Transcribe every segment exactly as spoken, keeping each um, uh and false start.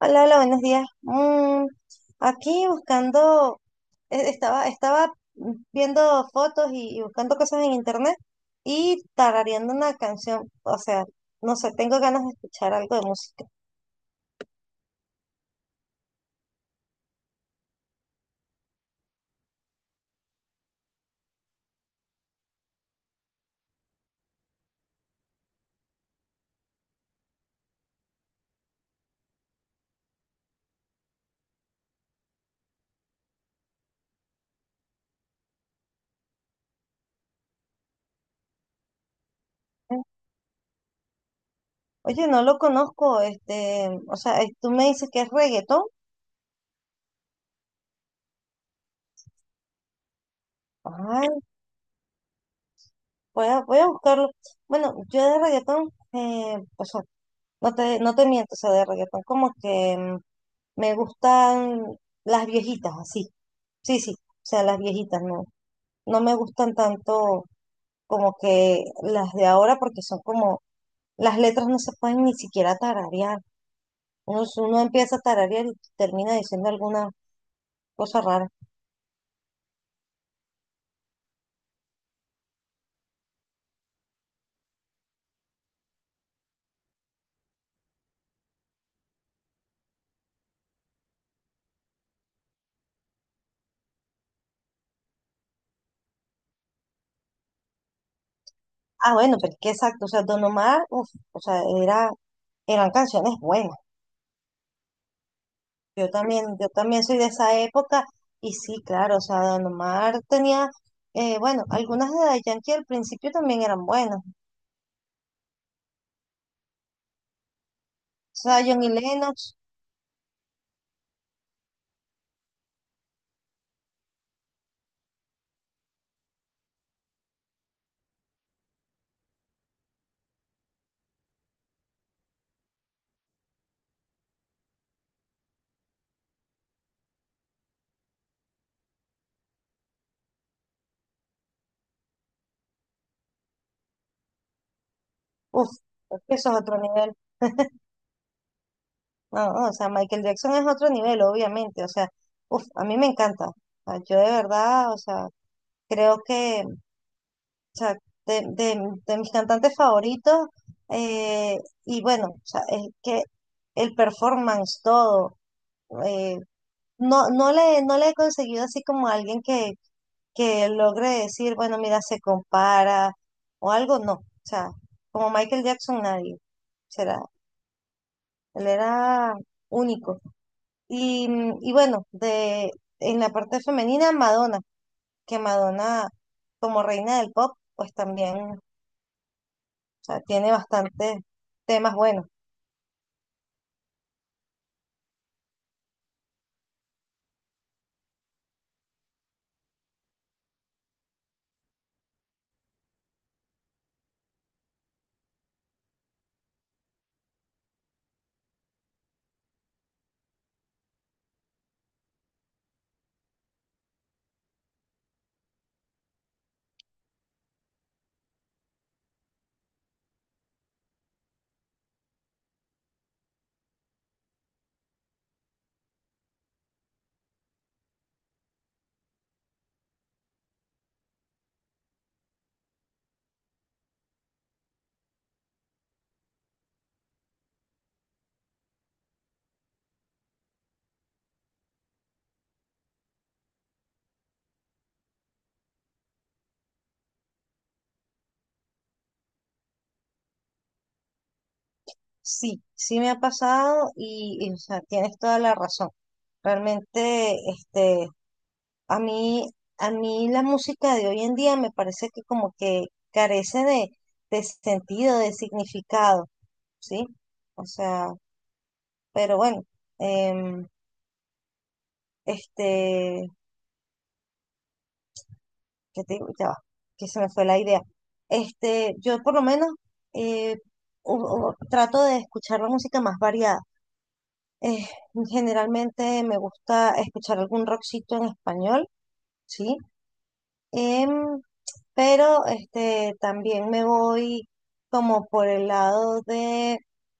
Hola, hola, buenos días. Mm, aquí buscando, e- estaba, estaba viendo fotos y, y buscando cosas en internet y tarareando una canción. O sea, no sé, tengo ganas de escuchar algo de música. Mm, Oye, no lo conozco, este, o sea, eh, tú me dices que es reggaetón. Ay, voy a, voy a buscarlo. Bueno, yo de reggaetón, eh, o sea, no te, no te miento, o sea, de reggaetón como que mm, me gustan las viejitas, así. Sí, sí, o sea, las viejitas, no. No me gustan tanto como que las de ahora porque son como, las letras no se pueden ni siquiera tararear. Uno, s- uno empieza a tararear y termina diciendo alguna cosa rara. Ah, bueno, pero es que exacto, o sea, Don Omar, uf, o sea, era, eran canciones buenas. Yo también, yo también soy de esa época y sí, claro, o sea, Don Omar tenía, eh, bueno, algunas de Daddy Yankee al principio también eran buenas. Zion y Lennox, uff, es que eso es otro nivel. No, no, o sea, Michael Jackson es otro nivel, obviamente. O sea, uff, a mí me encanta. O sea, yo de verdad, o sea, creo que, o sea, de, de- de mis cantantes favoritos, eh, y bueno, o sea, es que el performance, todo, eh, no, no le, no le he conseguido así como alguien que, que logre decir, bueno, mira, se compara o algo, no. O sea, como Michael Jackson, nadie. Será. Él era único. Y, mm, y bueno, de, en la parte femenina, Madonna, que Madonna, como reina del pop, pues también, o sea, tiene bastantes temas buenos. Sí, sí me ha pasado y, y, o sea, tienes toda la razón. Realmente, este, a mí, a mí la música de hoy en día me parece que como que carece de, de sentido, de significado, ¿sí? O sea, pero bueno, em, este, ¿qué te digo? Ya va, que se me fue la idea. Este, yo por lo menos eh, u- u- trato de escuchar la música más variada. Eh, generalmente me gusta escuchar algún rockcito en español, ¿sí? Em, pero este, también me voy como por el lado de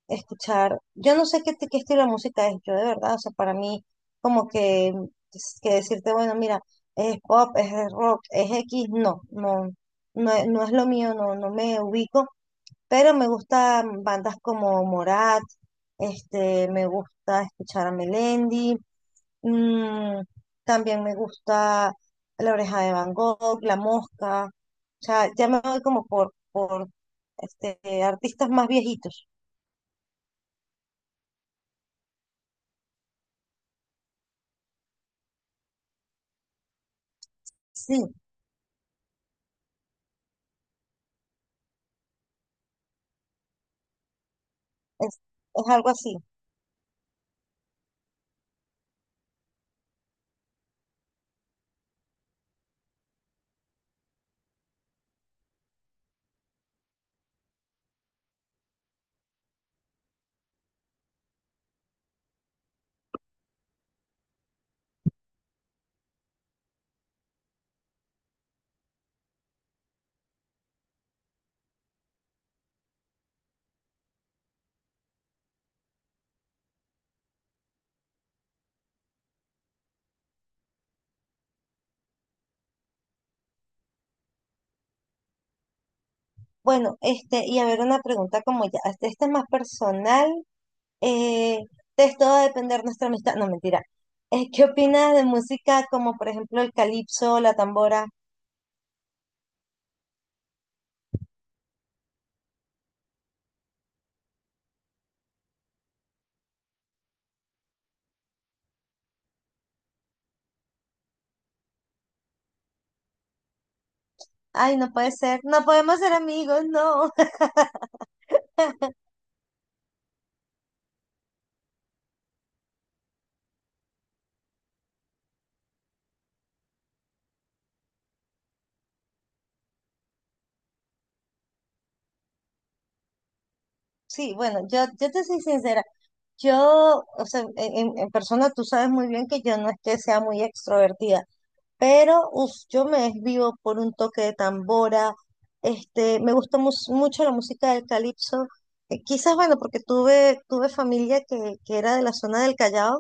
escuchar, yo no sé qué, te- qué estilo de música es, yo de verdad, o sea, para mí como que, es que decirte, bueno, mira, es pop, es rock, es X, no, no, no, es- no es lo mío, no, no me ubico, pero me gustan bandas como Morat, este, me gusta escuchar a Melendi, Mm, también me gusta La oreja de Van Gogh, La mosca. O sea, ya me voy como por, por este, artistas más viejitos. Sí, es, es algo así. Bueno, este, y a ver una pregunta como ya, este, esta es más personal. eh, de esto va a depender nuestra amistad. No, mentira. Eh, ¿qué opinas de música como por ejemplo el calipso, la tambora? Ay, no puede ser, no podemos ser amigos, no. Sí, bueno, yo, yo te soy sincera. Yo, o sea, en, en- en persona tú sabes muy bien que yo no es que sea muy extrovertida, pero uf, yo me desvivo por un toque de tambora, este, me gusta mus- mucho la música del calipso, eh, quizás, bueno, porque tuve, tuve familia que, que era de la zona del Callao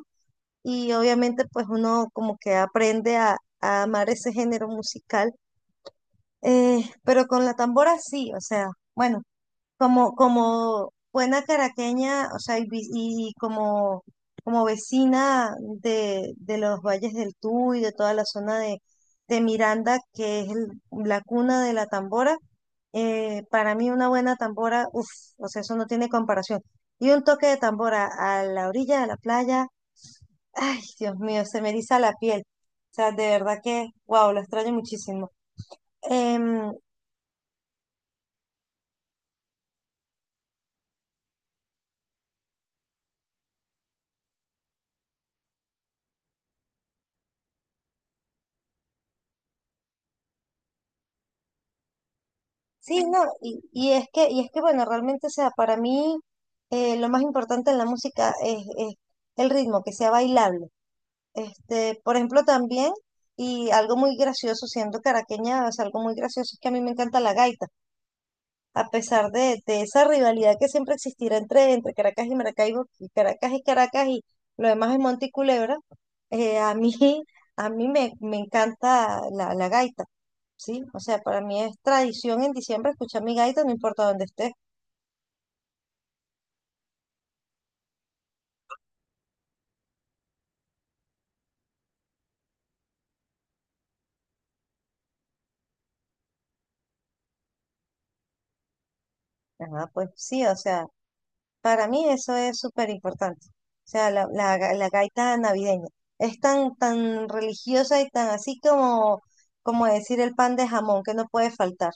y obviamente pues uno como que aprende a, a amar ese género musical, eh, pero con la tambora sí, o sea, bueno. Como, como buena caraqueña, o sea, y, vi- y como, como vecina de, de los valles del Tuy, de toda la zona de, de Miranda, que es el- la cuna de la tambora, eh, para mí una buena tambora, uff, o sea, eso no tiene comparación. Y un toque de tambora a la orilla de la playa, ay, Dios mío, se me eriza la piel. O sea, de verdad que, wow, lo extraño muchísimo. Em, Sí, no, y, y es que, y es que bueno, realmente, o sea, para mí eh, lo más importante en la música es, es el ritmo, que sea bailable. Este, por ejemplo, también, y algo muy gracioso, siendo caraqueña, es algo muy gracioso es que a mí me encanta la gaita, a pesar de, de esa rivalidad que siempre existirá entre, entre Caracas y Maracaibo, y Caracas y Caracas y lo demás es Monte y Culebra, eh, a mí, a mí me, me encanta la, la gaita. Sí, o sea, para mí es tradición en diciembre escuchar mi gaita, no importa dónde esté. Ajá, pues sí, o sea, para mí eso es súper importante. O sea, la, la, ga- la gaita navideña es tan, tan religiosa y tan así como, como decir el pan de jamón que no puede faltar.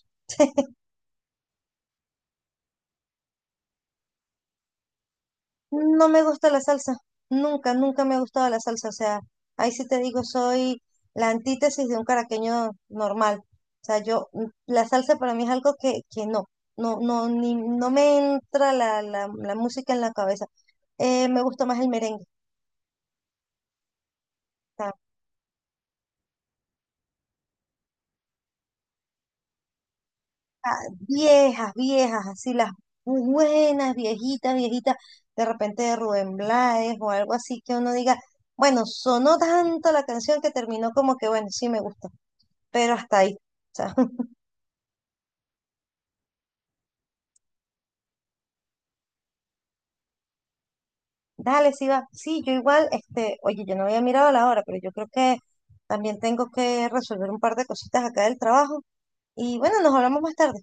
No me gusta la salsa, nunca, nunca me ha gustado la salsa, o sea, ahí sí te digo, soy la antítesis de un caraqueño normal. O sea, yo, mm, la salsa para mí es algo que, que no, no, no, ni, no me entra la, la, la música en la cabeza. Eh, me gusta más el merengue, o sea, ah, viejas, viejas, así las buenas, viejitas, viejitas, de repente de Rubén Blades o algo así que uno diga, bueno, sonó tanto la canción que terminó como que, bueno, sí me gusta. Pero hasta ahí. O sea, dale, sí va. Sí, yo igual, este, oye, yo no había mirado la hora, pero yo creo que también tengo que resolver un par de cositas acá del trabajo. Y bueno, nos hablamos más tarde.